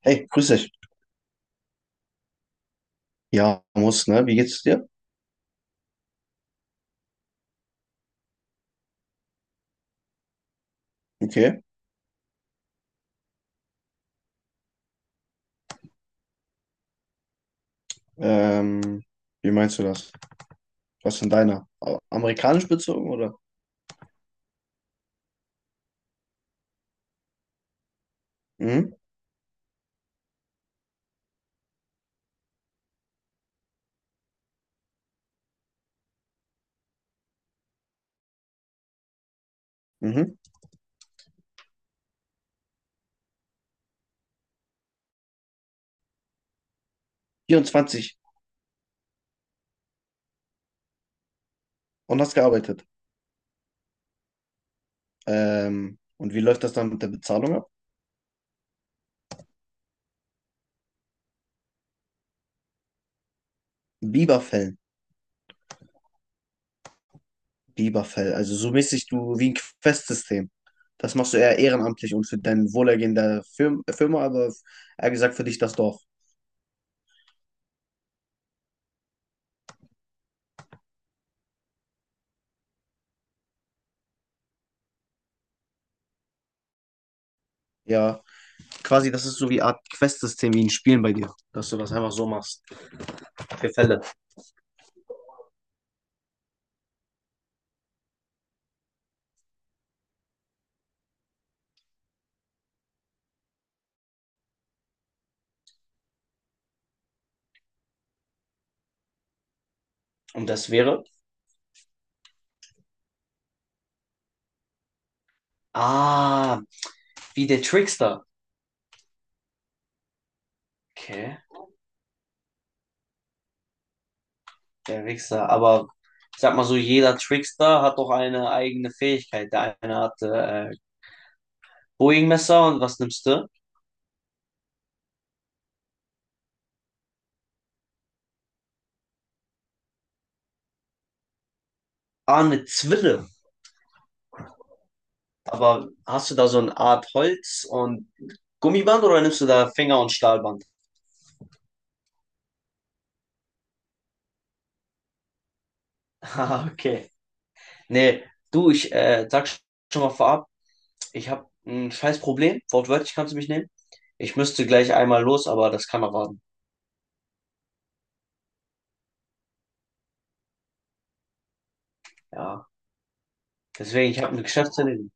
Hey, grüß dich. Ja, muss, ne? Wie geht's dir? Okay. Ähm, Wie meinst du das? Was ist denn deiner? Amerikanisch bezogen, oder? Mhm, mhm. Vierundzwanzig. Und hast gearbeitet. Und wie läuft das dann mit der Bezahlung ab? Biberfell. Biberfell. Also so mäßig du wie ein Questsystem. Das machst du eher ehrenamtlich und für dein Wohlergehen der Firma, aber eher gesagt für dich das Dorf. Ja, quasi das ist so wie eine Art Questsystem wie in Spielen bei dir, dass du das einfach so machst. Für Fälle. Und das wäre? Ah, wie der Trickster. Okay, der Wichser. Aber ich sag mal so, jeder Trickster hat doch eine eigene Fähigkeit. Der eine hat Boeing-Messer und was nimmst du? Ah, eine Zwille. Aber hast du da so eine Art Holz und Gummiband oder nimmst du da Finger- und Stahlband? Ah, okay. Nee, du, ich sag schon mal vorab, ich habe ein scheiß Problem. Wortwörtlich kannst du mich nehmen. Ich müsste gleich einmal los, aber das kann erwarten. Ja, deswegen, ich habe eine Geschäftsidee.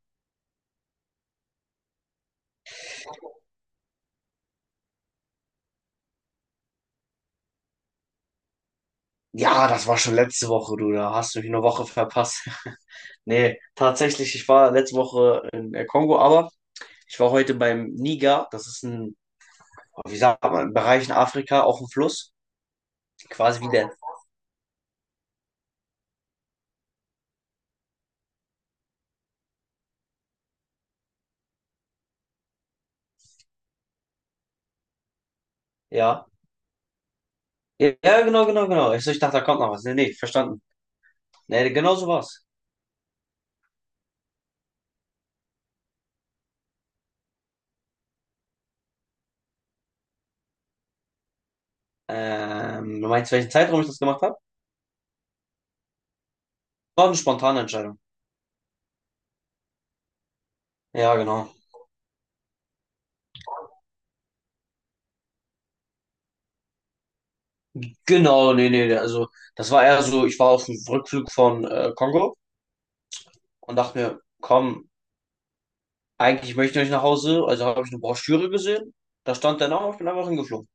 Ja, das war schon letzte Woche, du. Da hast du mich eine Woche verpasst. Nee, tatsächlich, ich war letzte Woche in der Kongo, aber ich war heute beim Niger. Das ist ein, oh, wie sagt man, ein Bereich in Afrika, auch ein Fluss. Quasi wie der. Ja. Ja, ja, genau, genau, genau. Ich, so, ich dachte, da kommt noch was. Nee, nee, verstanden. Nee, genau so war's. Du meinst, welchen Zeitraum ich das gemacht habe? War eine spontane Entscheidung. Ja, genau. Genau, nee, nee, also das war eher so, ich war auf dem Rückflug von Kongo und dachte mir, komm, eigentlich möchte ich nicht nach Hause, also habe ich eine Broschüre gesehen. Da stand der Name, ich bin einfach hingeflogen.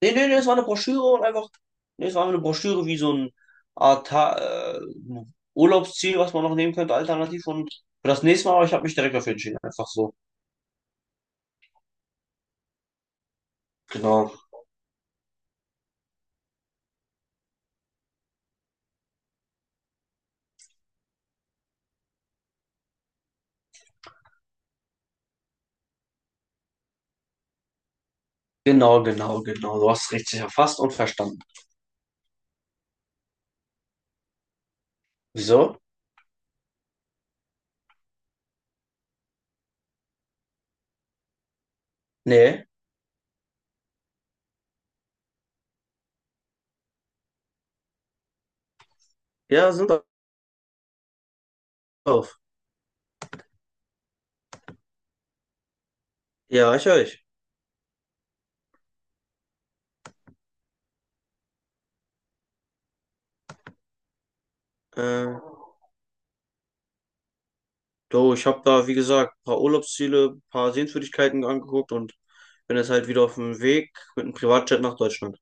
Nee, nee, nee, es war eine Broschüre und einfach, nee, es war einfach eine Broschüre wie so ein Art äh, Urlaubsziel, was man noch nehmen könnte, alternativ. Und für das nächste Mal, aber ich habe mich direkt dafür entschieden, einfach so. Genau, genau, genau, genau. Du hast es richtig erfasst und verstanden. Wieso? Nee. Ja, sind auf. Ja, ich höre dich. Äh, Du, ich habe da, wie gesagt, ein paar Urlaubsziele, ein paar Sehenswürdigkeiten angeguckt und bin jetzt halt wieder auf dem Weg mit einem Privatjet nach Deutschland.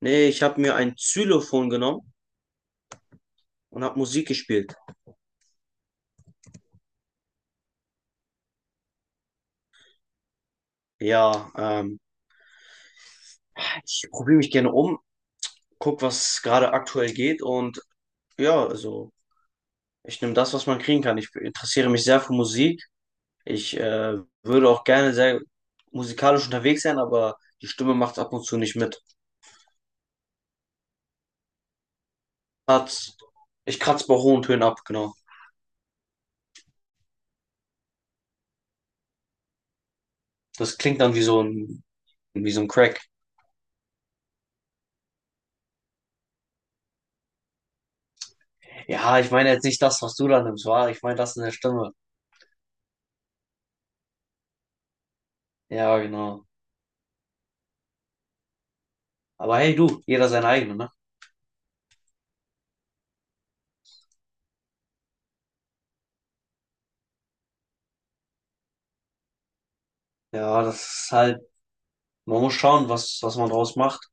Nee, ich habe mir ein Xylophon genommen und habe Musik gespielt. Ja, ich probiere mich gerne um, guck, was gerade aktuell geht und ja, also ich nehme das, was man kriegen kann. Ich interessiere mich sehr für Musik. Ich würde auch gerne sehr musikalisch unterwegs sein, aber die Stimme macht ab und zu nicht mit. Kratz- Ich kratze bei hohen Tönen ab, genau. Das klingt dann wie so ein wie so ein Crack. Ja, ich meine jetzt nicht das, was du da nimmst, war. Ich meine das in der Stimme. Ja, genau. Aber hey, du, jeder sein eigener, ne? Ja, das ist halt, man muss schauen, was, was man draus macht.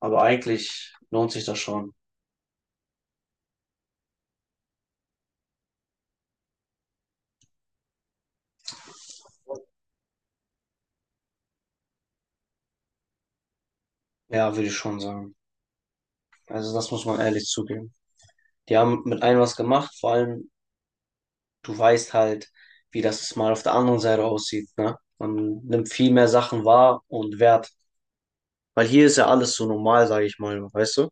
Aber eigentlich lohnt sich das schon. Ja, würde ich schon sagen. Also, das muss man ehrlich zugeben. Die haben mit einem was gemacht, vor allem, du weißt halt, wie das mal auf der anderen Seite aussieht, ne? Man nimmt viel mehr Sachen wahr und wert. Weil hier ist ja alles so normal, sage ich mal, weißt du?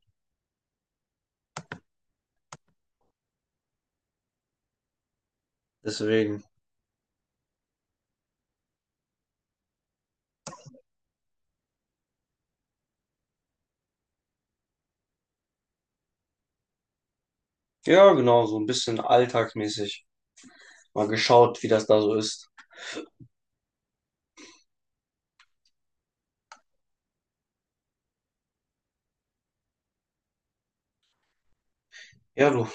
Deswegen. Ja, genau, so ein bisschen alltagsmäßig. Mal geschaut, wie das da so ist. Ja, du,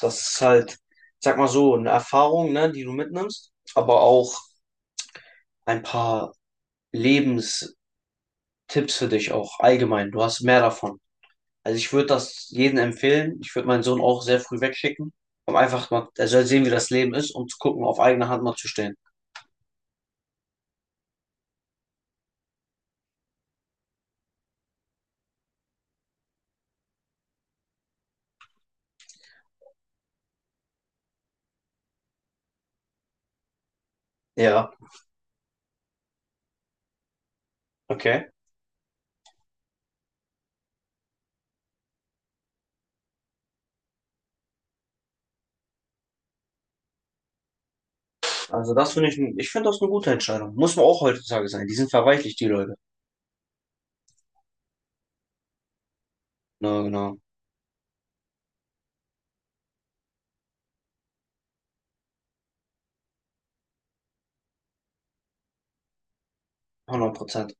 das ist halt, sag mal so, eine Erfahrung, ne, die du mitnimmst, aber auch ein paar Lebenstipps für dich auch allgemein. Du hast mehr davon. Also ich würde das jedem empfehlen. Ich würde meinen Sohn auch sehr früh wegschicken, um einfach mal, er soll sehen, wie das Leben ist, um zu gucken, auf eigene Hand mal zu stehen. Ja, okay. Also das finde ich, ich finde das eine gute Entscheidung. Muss man auch heutzutage sein. Die sind verweichlicht, die Leute. Na, genau. 100%.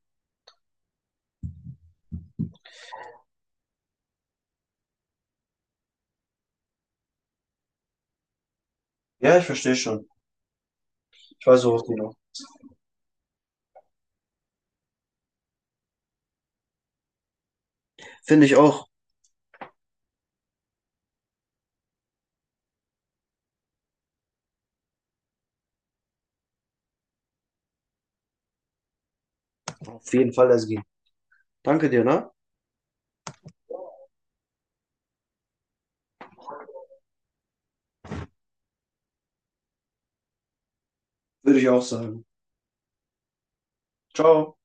Ja, ich verstehe schon. Ich weiß, worauf du noch. Finde ich auch. Auf jeden Fall, Ezgi. Danke dir, ne? Würde ich auch sagen. Ciao.